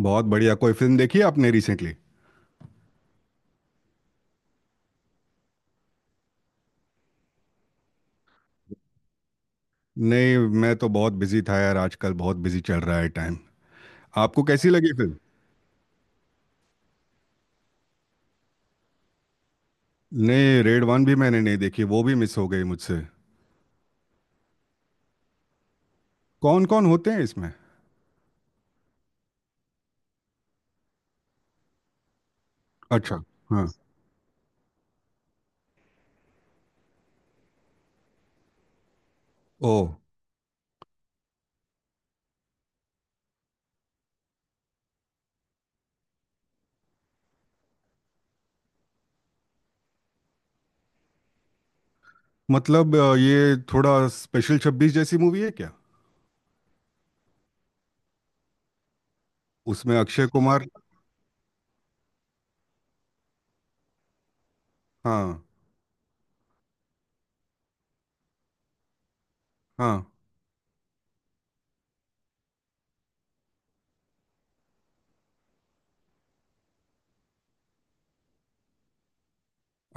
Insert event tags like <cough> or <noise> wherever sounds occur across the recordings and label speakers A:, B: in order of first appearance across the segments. A: बहुत बढ़िया। कोई फिल्म देखी है आपने रिसेंटली? नहीं, मैं तो बहुत बिजी था यार। आजकल बहुत बिजी चल रहा है टाइम। आपको कैसी लगी फिल्म? नहीं, रेड वन भी मैंने नहीं देखी, वो भी मिस हो गई मुझसे। कौन कौन होते हैं इसमें? अच्छा। हाँ। ओ। मतलब, ये थोड़ा स्पेशल 26 जैसी मूवी है क्या? उसमें अक्षय कुमार। हाँ। हाँ।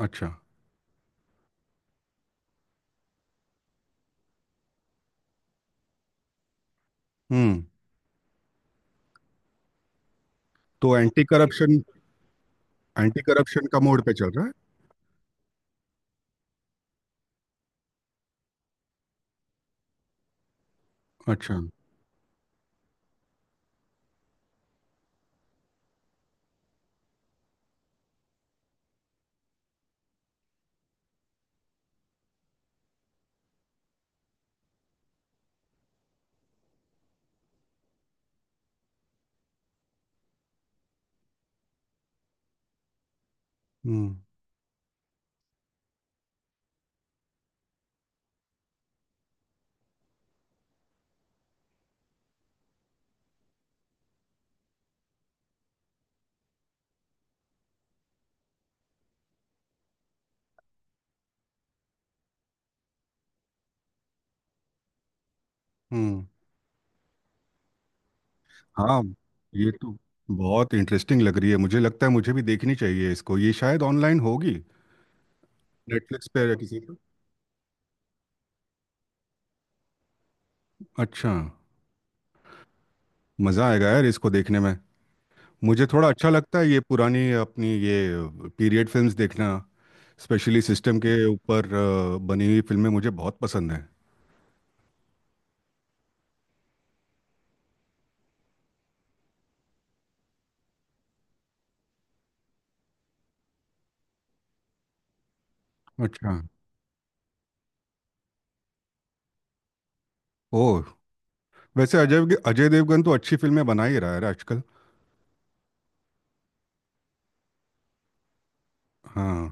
A: अच्छा। हम्म। तो एंटी करप्शन एंटी करप्शन का मोड पे चल रहा है। अच्छा। हम्म। हम्म। हाँ, ये तो बहुत इंटरेस्टिंग लग रही है। मुझे लगता है मुझे भी देखनी चाहिए इसको। ये शायद ऑनलाइन होगी। नेटफ्लिक्स पे या किसी पे? अच्छा। मज़ा आएगा यार इसको देखने में। मुझे थोड़ा अच्छा लगता है ये पुरानी अपनी ये पीरियड फिल्म्स देखना। स्पेशली सिस्टम के ऊपर बनी हुई फिल्में मुझे बहुत पसंद है। अच्छा। ओह। वैसे अजय अजय देवगन तो अच्छी फिल्में बना ही रहा है आजकल। हाँ।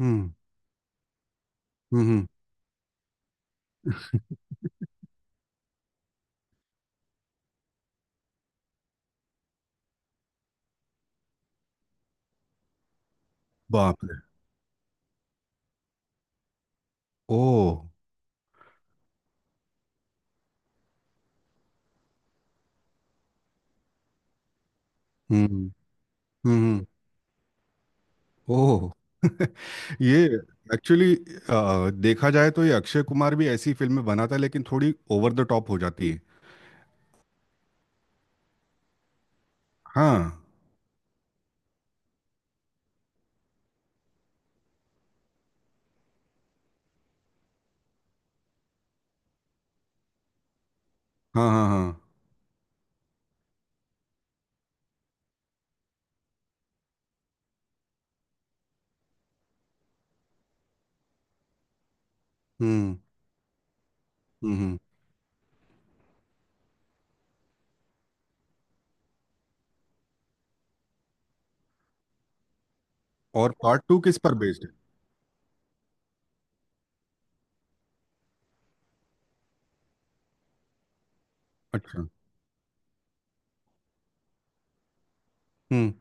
A: हम्म। हम्म। हम्म। बाप रे। ओह। हम्म। हम्म। हम्म। ओह। ये एक्चुअली देखा जाए तो ये अक्षय कुमार भी ऐसी फिल्में बनाता है, लेकिन थोड़ी ओवर द टॉप हो जाती है। हाँ। हाँ। हाँ। हाँ। हम्म। हम्म। हम्म। और पार्ट टू किस पर बेस्ड है? अच्छा। हम्म।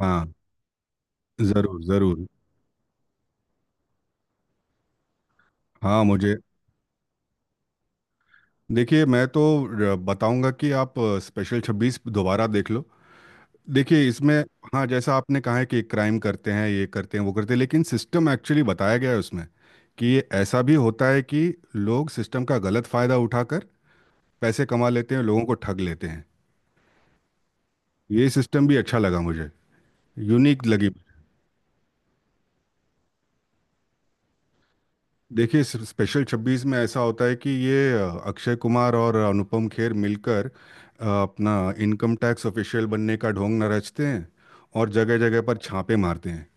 A: हाँ, जरूर जरूर। हाँ, मुझे देखिए, मैं तो बताऊंगा कि आप स्पेशल 26 दोबारा देख लो। देखिए, इसमें, हाँ, जैसा आपने कहा है कि क्राइम करते हैं, ये करते हैं, वो करते हैं, लेकिन सिस्टम एक्चुअली बताया गया है उसमें कि ये ऐसा भी होता है कि लोग सिस्टम का गलत फायदा उठाकर पैसे कमा लेते हैं, लोगों को ठग लेते हैं। ये सिस्टम भी अच्छा लगा मुझे। यूनिक लगी। देखिए, स्पेशल 26 में ऐसा होता है कि ये अक्षय कुमार और अनुपम खेर मिलकर अपना इनकम टैक्स ऑफिशियल बनने का ढोंग न रचते हैं और जगह जगह पर छापे मारते हैं।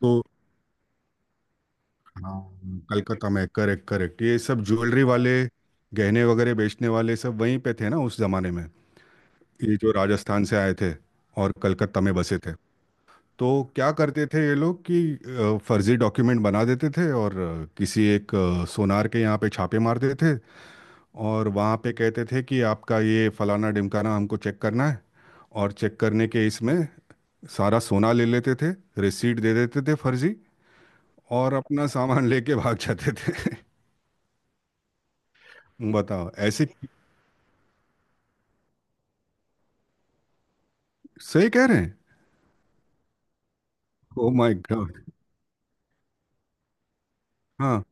A: तो हाँ, कलकत्ता में, करेक्ट, करेक्ट, ये सब ज्वेलरी वाले गहने वगैरह बेचने वाले सब वहीं पे थे ना उस जमाने में। ये जो राजस्थान से आए थे और कलकत्ता में बसे थे। तो क्या करते थे ये लोग कि फर्जी डॉक्यूमेंट बना देते थे और किसी एक सोनार के यहाँ पे छापे मार देते थे। और वहाँ पे कहते थे कि आपका ये फलाना ढिमकाना हमको चेक करना है। और चेक करने के इसमें सारा सोना ले लेते थे, रिसीट दे देते थे फर्जी, और अपना सामान <laughs> लेके भाग जाते थे। <laughs> बताओ ऐसे। सही कह रहे हैं। Oh my god. हाँ।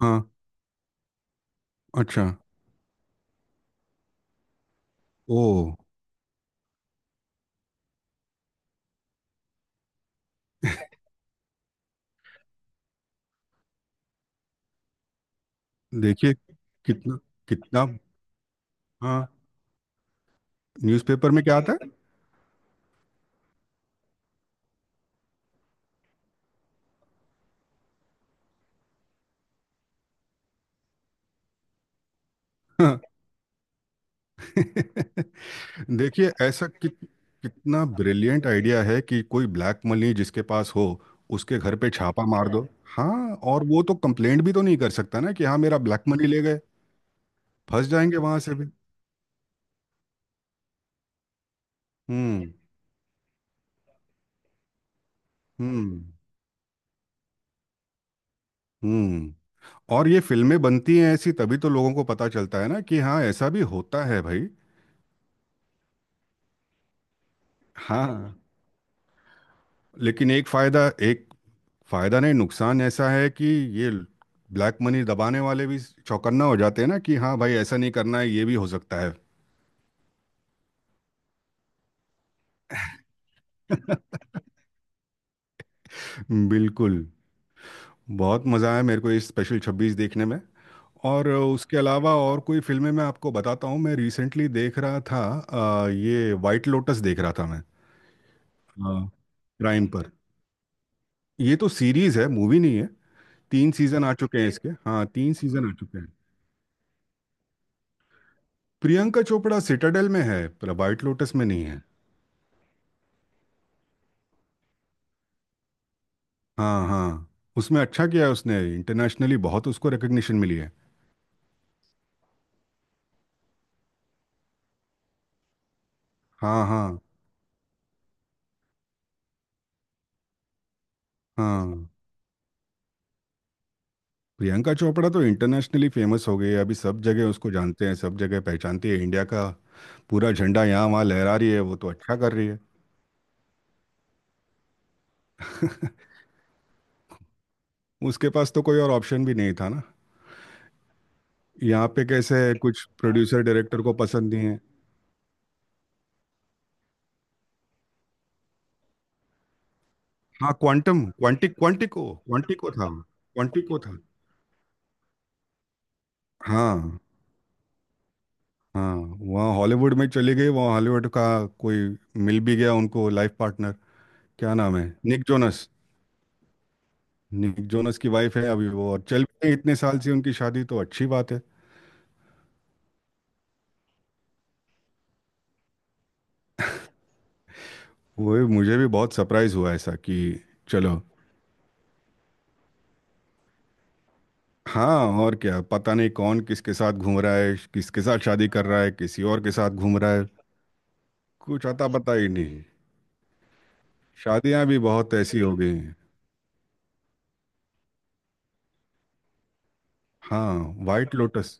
A: हाँ। अच्छा। ओ। देखिए, कितना, कितना। हाँ। न्यूज़पेपर में क्या आता है? <laughs> देखिए, ऐसा कितना ब्रिलियंट आइडिया है कि कोई ब्लैक मनी जिसके पास हो, उसके घर पे छापा मार दो। हाँ, और वो तो कंप्लेंट भी तो नहीं कर सकता ना कि हाँ, मेरा ब्लैक मनी ले गए। फंस जाएंगे वहां से भी। हम्म। हम्म। हम्म। और ये फिल्में बनती हैं ऐसी, तभी तो लोगों को पता चलता है ना कि हाँ, ऐसा भी होता है भाई। हाँ, लेकिन एक फायदा नहीं, नुकसान ऐसा है कि ये ब्लैक मनी दबाने वाले भी चौकन्ना हो जाते हैं ना कि हाँ भाई, ऐसा नहीं करना है, ये भी हो सकता है। <laughs> बिल्कुल। बहुत मज़ा आया मेरे को इस स्पेशल 26 देखने में। और उसके अलावा और कोई फिल्में मैं आपको बताता हूँ। मैं रिसेंटली देख रहा था ये वाइट लोटस देख रहा था मैं। प्राइम पर। ये तो सीरीज है, मूवी नहीं है। तीन सीजन आ चुके हैं इसके, हाँ, तीन सीजन आ चुके हैं। प्रियंका चोपड़ा सिटाडेल में है पर वाइट लोटस में नहीं। हाँ। हाँ, उसमें अच्छा किया है उसने, इंटरनेशनली बहुत उसको रिकग्निशन मिली है। हाँ। हाँ। हाँ, प्रियंका चोपड़ा तो इंटरनेशनली फेमस हो गई है अभी, सब जगह उसको जानते हैं, सब जगह पहचानती है इंडिया का। पूरा झंडा यहाँ वहाँ लहरा रही है वो, तो अच्छा कर रही है। उसके पास तो कोई और ऑप्शन भी नहीं था ना। यहाँ पे कैसे, कुछ प्रोड्यूसर डायरेक्टर को पसंद नहीं है। हाँ, क्वांटम, क्वांटिक, क्वांटिको, क्वांटिको था। क्वांटिको था। हाँ। हाँ, वहाँ हॉलीवुड में चले गए, वहाँ हॉलीवुड का कोई मिल भी गया उनको लाइफ पार्टनर। क्या नाम है, निक जोनस। निक जोनस की वाइफ है अभी वो, और चल भी रही है इतने साल से उनकी शादी, तो अच्छी बात है। मुझे भी बहुत सरप्राइज हुआ ऐसा कि चलो, हाँ, और क्या पता नहीं, कौन किसके साथ घूम रहा है, किसके साथ शादी कर रहा है, किसी और के साथ घूम रहा है। कुछ अता पता ही नहीं। शादियां भी बहुत ऐसी हो गई हैं। हाँ, वाइट लोटस।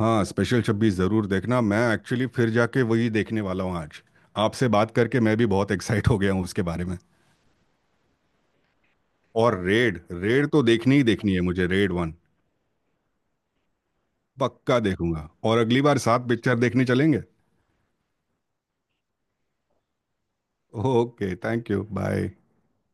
A: हाँ, स्पेशल 26 ज़रूर देखना। मैं एक्चुअली फिर जाके वही देखने वाला हूँ आज। आपसे बात करके मैं भी बहुत एक्साइट हो गया हूँ उसके बारे में। और रेड, रेड तो देखनी ही देखनी है मुझे, रेड वन। पक्का देखूंगा। और अगली बार साथ पिक्चर देखने चलेंगे। Okay, thank you, bye.